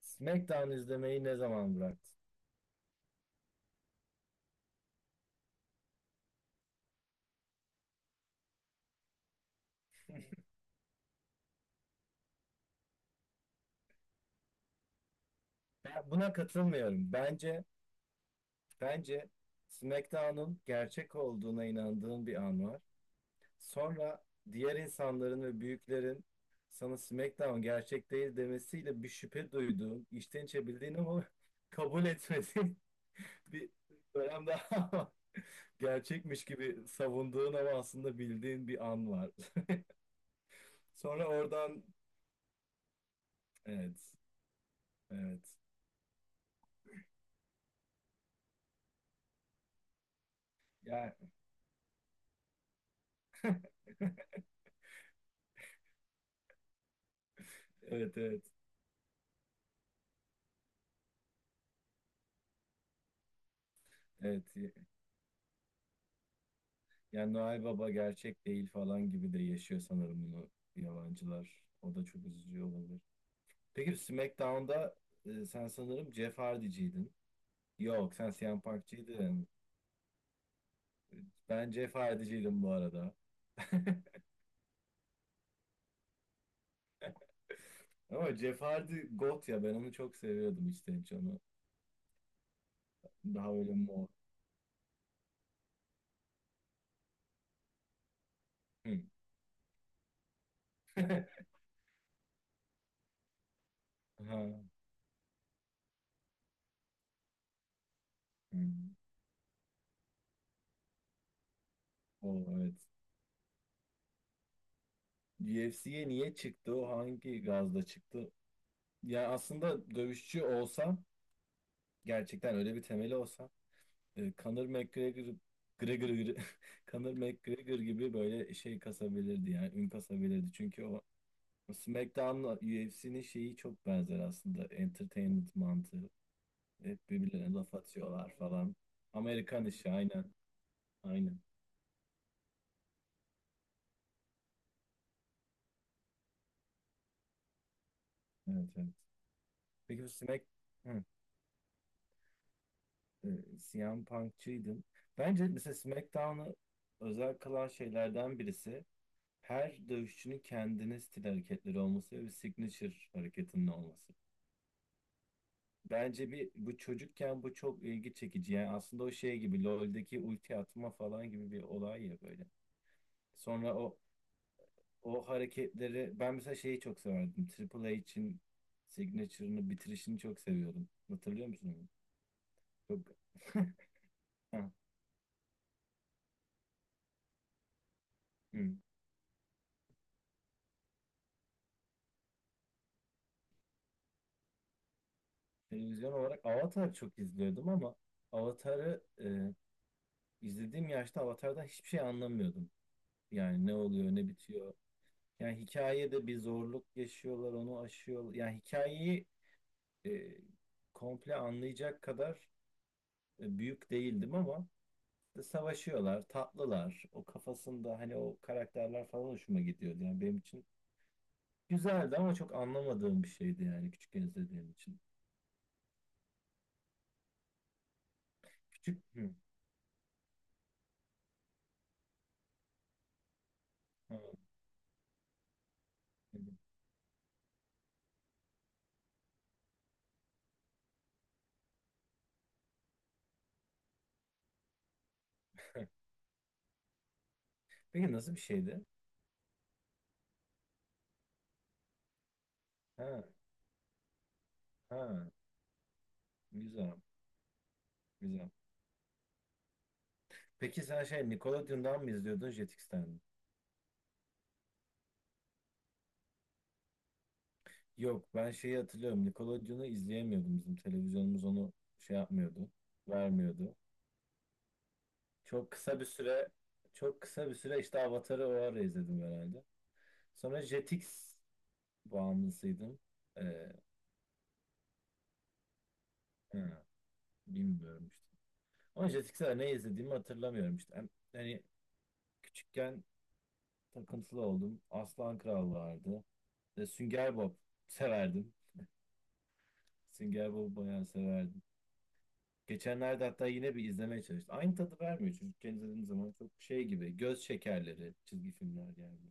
SmackDown izlemeyi ne zaman bıraktın? Ben buna katılmıyorum. Bence SmackDown'un gerçek olduğuna inandığın bir an var. Sonra diğer insanların ve büyüklerin sana SmackDown gerçek değil demesiyle bir şüphe duyduğun, içten içe bildiğin ama kabul etmediğin bir dönem daha var. Gerçekmiş gibi savunduğun ama aslında bildiğin bir an var. Sonra oradan evet, evet. Yani evet, evet. Evet, yani Noel Baba gerçek değil falan gibi de yaşıyor sanırım bunu yabancılar. O da çok üzücü olabilir. Peki SmackDown'da sen sanırım Jeff Hardy'ciydin. Yok sen CM Punk'ciydin. Ben Jeff Hardy'ciydim bu arada. Ama Jeff Hardy GOAT ya ben onu çok seviyordum işte canı. Daha öyle mor. Hı. Ha. Hı. O evet. UFC'ye niye çıktı? O hangi gazla çıktı? Yani aslında dövüşçü olsam gerçekten öyle bir temeli olsa Conor McGregor Gregor, Gre- Conor McGregor gibi böyle şey kasabilirdi yani ün kasabilirdi. Çünkü o SmackDown'la UFC'nin şeyi çok benzer aslında. Entertainment mantığı. Hep birbirlerine laf atıyorlar falan. Amerikan işi aynen. Aynen. Evet evet. Peki bu Smack... Hı. e, CM Punk'çıydın. Bence mesela SmackDown'ı özel kılan şeylerden birisi her dövüşçünün kendine stil hareketleri olması ve bir signature hareketinin olması. Bence bir bu çocukken bu çok ilgi çekici. Yani aslında o şey gibi LoL'deki ulti atma falan gibi bir olay ya böyle. Sonra o hareketleri ben mesela şeyi çok severdim. Triple H'in signature'ını bitirişini çok seviyordum. Hatırlıyor musun onu? Çok Ha, hı. Televizyon olarak Avatar çok izliyordum ama Avatar'ı izlediğim yaşta Avatar'dan hiçbir şey anlamıyordum. Yani ne oluyor, ne bitiyor. Yani hikayede bir zorluk yaşıyorlar, onu aşıyor. Yani hikayeyi e, komple anlayacak kadar büyük değildim ama savaşıyorlar, tatlılar. O kafasında hani o karakterler falan hoşuma gidiyordu. Yani benim için güzeldi ama çok anlamadığım bir şeydi yani küçükken izlediğim için. Küçük mü? Ha, evet. Peki nasıl bir şeydi? Ha, ha, güzel, güzel. Peki sen şey Nickelodeon'dan mı izliyordun Jetix'ten mi? Yok ben şeyi hatırlıyorum. Nickelodeon'u izleyemiyordum. Bizim televizyonumuz onu şey yapmıyordu. Vermiyordu. Çok kısa bir süre Çok kısa bir süre işte Avatar'ı o ara izledim herhalde. Sonra Jetix bağımlısıydım. Ee, ha, bilmiyorum işte. Ama Jetix'e ne izlediğimi hatırlamıyorum işte. Hani küçükken takıntılı oldum. Aslan Kral vardı. Ve Sünger Bob severdim. Sünger Bob'u bayağı severdim. Geçenlerde hatta yine bir izlemeye çalıştım. Aynı tadı vermiyor çocukken izlediğim zaman çok şey gibi. Göz şekerleri çizgi filmler geldi.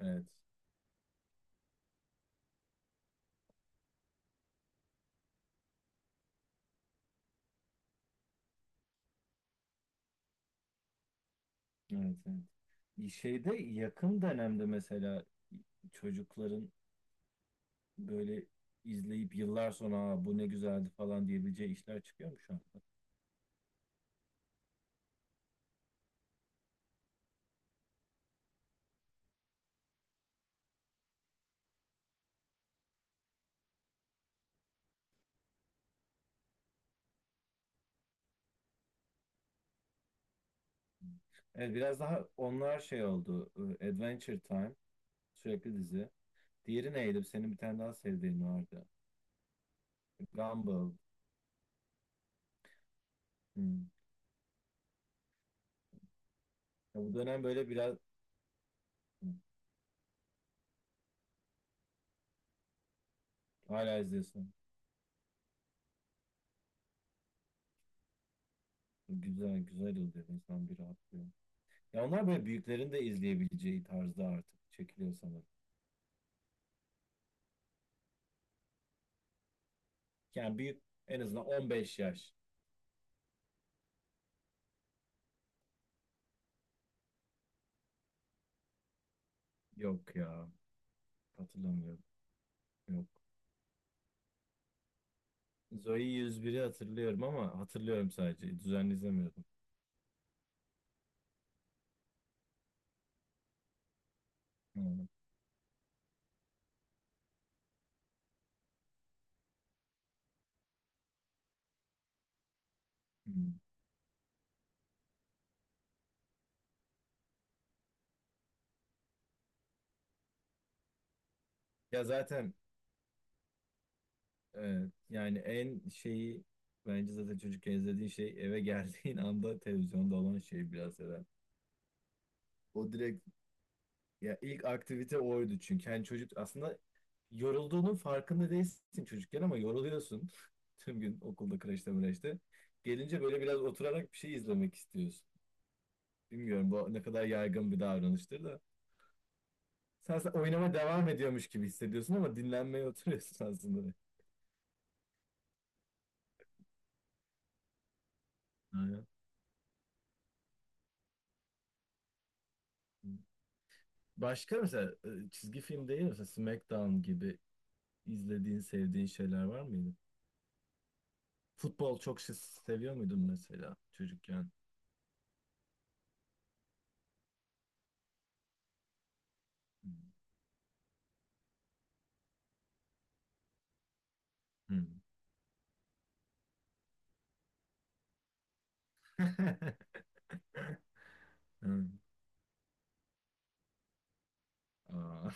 Evet. Evet, evet. Şeyde yakın dönemde mesela çocukların böyle izleyip yıllar sonra "Aa, bu ne güzeldi" falan diyebileceği işler çıkıyor mu şu an? Evet biraz daha onlar şey oldu. Adventure Time sürekli dizi. Diğeri neydi? Senin bir tane daha sevdiğin vardı. Gumball. Hmm. Ya bu dönem böyle biraz. Hmm, hala izliyorsun. Güzel güzel oluyor, insan bir rahatlıyor. Ya onlar böyle büyüklerin de izleyebileceği tarzda artık çekiliyor sanırım. Yani büyük, en azından 15 yaş. Yok ya, hatırlamıyorum. Yok. Zoe yüz biri hatırlıyorum ama hatırlıyorum sadece. Düzenli izlemiyordum. Hı, hı. Ya zaten e, yani en şeyi, bence zaten çocukken izlediğin şey, eve geldiğin anda televizyonda olan şey biraz herhalde. O direkt, ya ilk aktivite oydu çünkü. Yani çocuk aslında yorulduğunun farkında değilsin çocukken ama yoruluyorsun. Tüm gün okulda, kreşte, mreşte. Gelince böyle biraz oturarak bir şey izlemek istiyorsun. Bilmiyorum bu ne kadar yaygın bir davranıştır da. Sen oynama devam ediyormuş gibi hissediyorsun ama dinlenmeye oturuyorsun aslında. Aynen. Başka mesela çizgi film değil mi, mesela SmackDown gibi izlediğin, sevdiğin şeyler var mıydı? Futbol çok şey seviyor muydun mesela çocukken? Hmm. Hmm. Aa.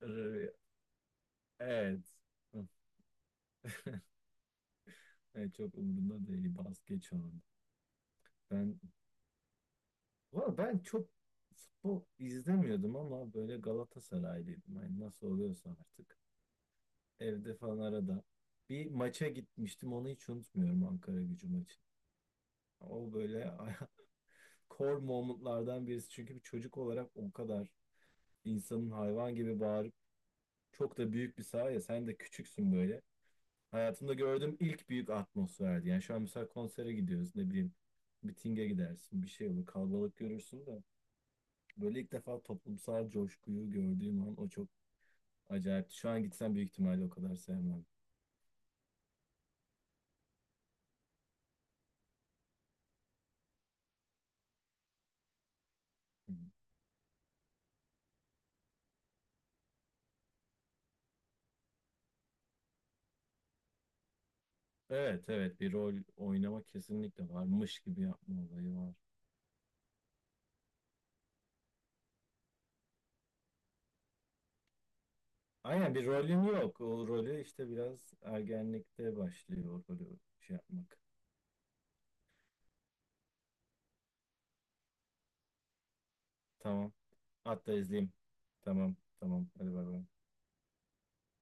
Evet. Evet, çok umurumda değil. Bas geç onu. Ben Valla ben çok futbol izlemiyordum ama böyle Galatasaraylıydım. Hani nasıl oluyorsa artık. Evde falan arada. Bir maça gitmiştim, onu hiç unutmuyorum, Ankara Gücü maçı. O böyle core momentlardan birisi. Çünkü bir çocuk olarak o kadar insanın hayvan gibi bağırıp, çok da büyük bir saha ya, sen de küçüksün böyle. Hayatımda gördüğüm ilk büyük atmosferdi. Yani şu an mesela konsere gidiyoruz, ne bileyim mitinge gidersin, bir şey olur, kalabalık görürsün de. Böyle ilk defa toplumsal coşkuyu gördüğüm an o çok acayipti. Şu an gitsem büyük ihtimalle o kadar sevmem. Hı. Evet evet, bir rol oynama kesinlikle, varmış gibi yapma olayı var. Aynen, bir rolün yok. O rolü işte biraz ergenlikte başlıyor o rolü şey yapmak. Tamam. Hatta izleyeyim. Tamam tamam. Hadi bay bay.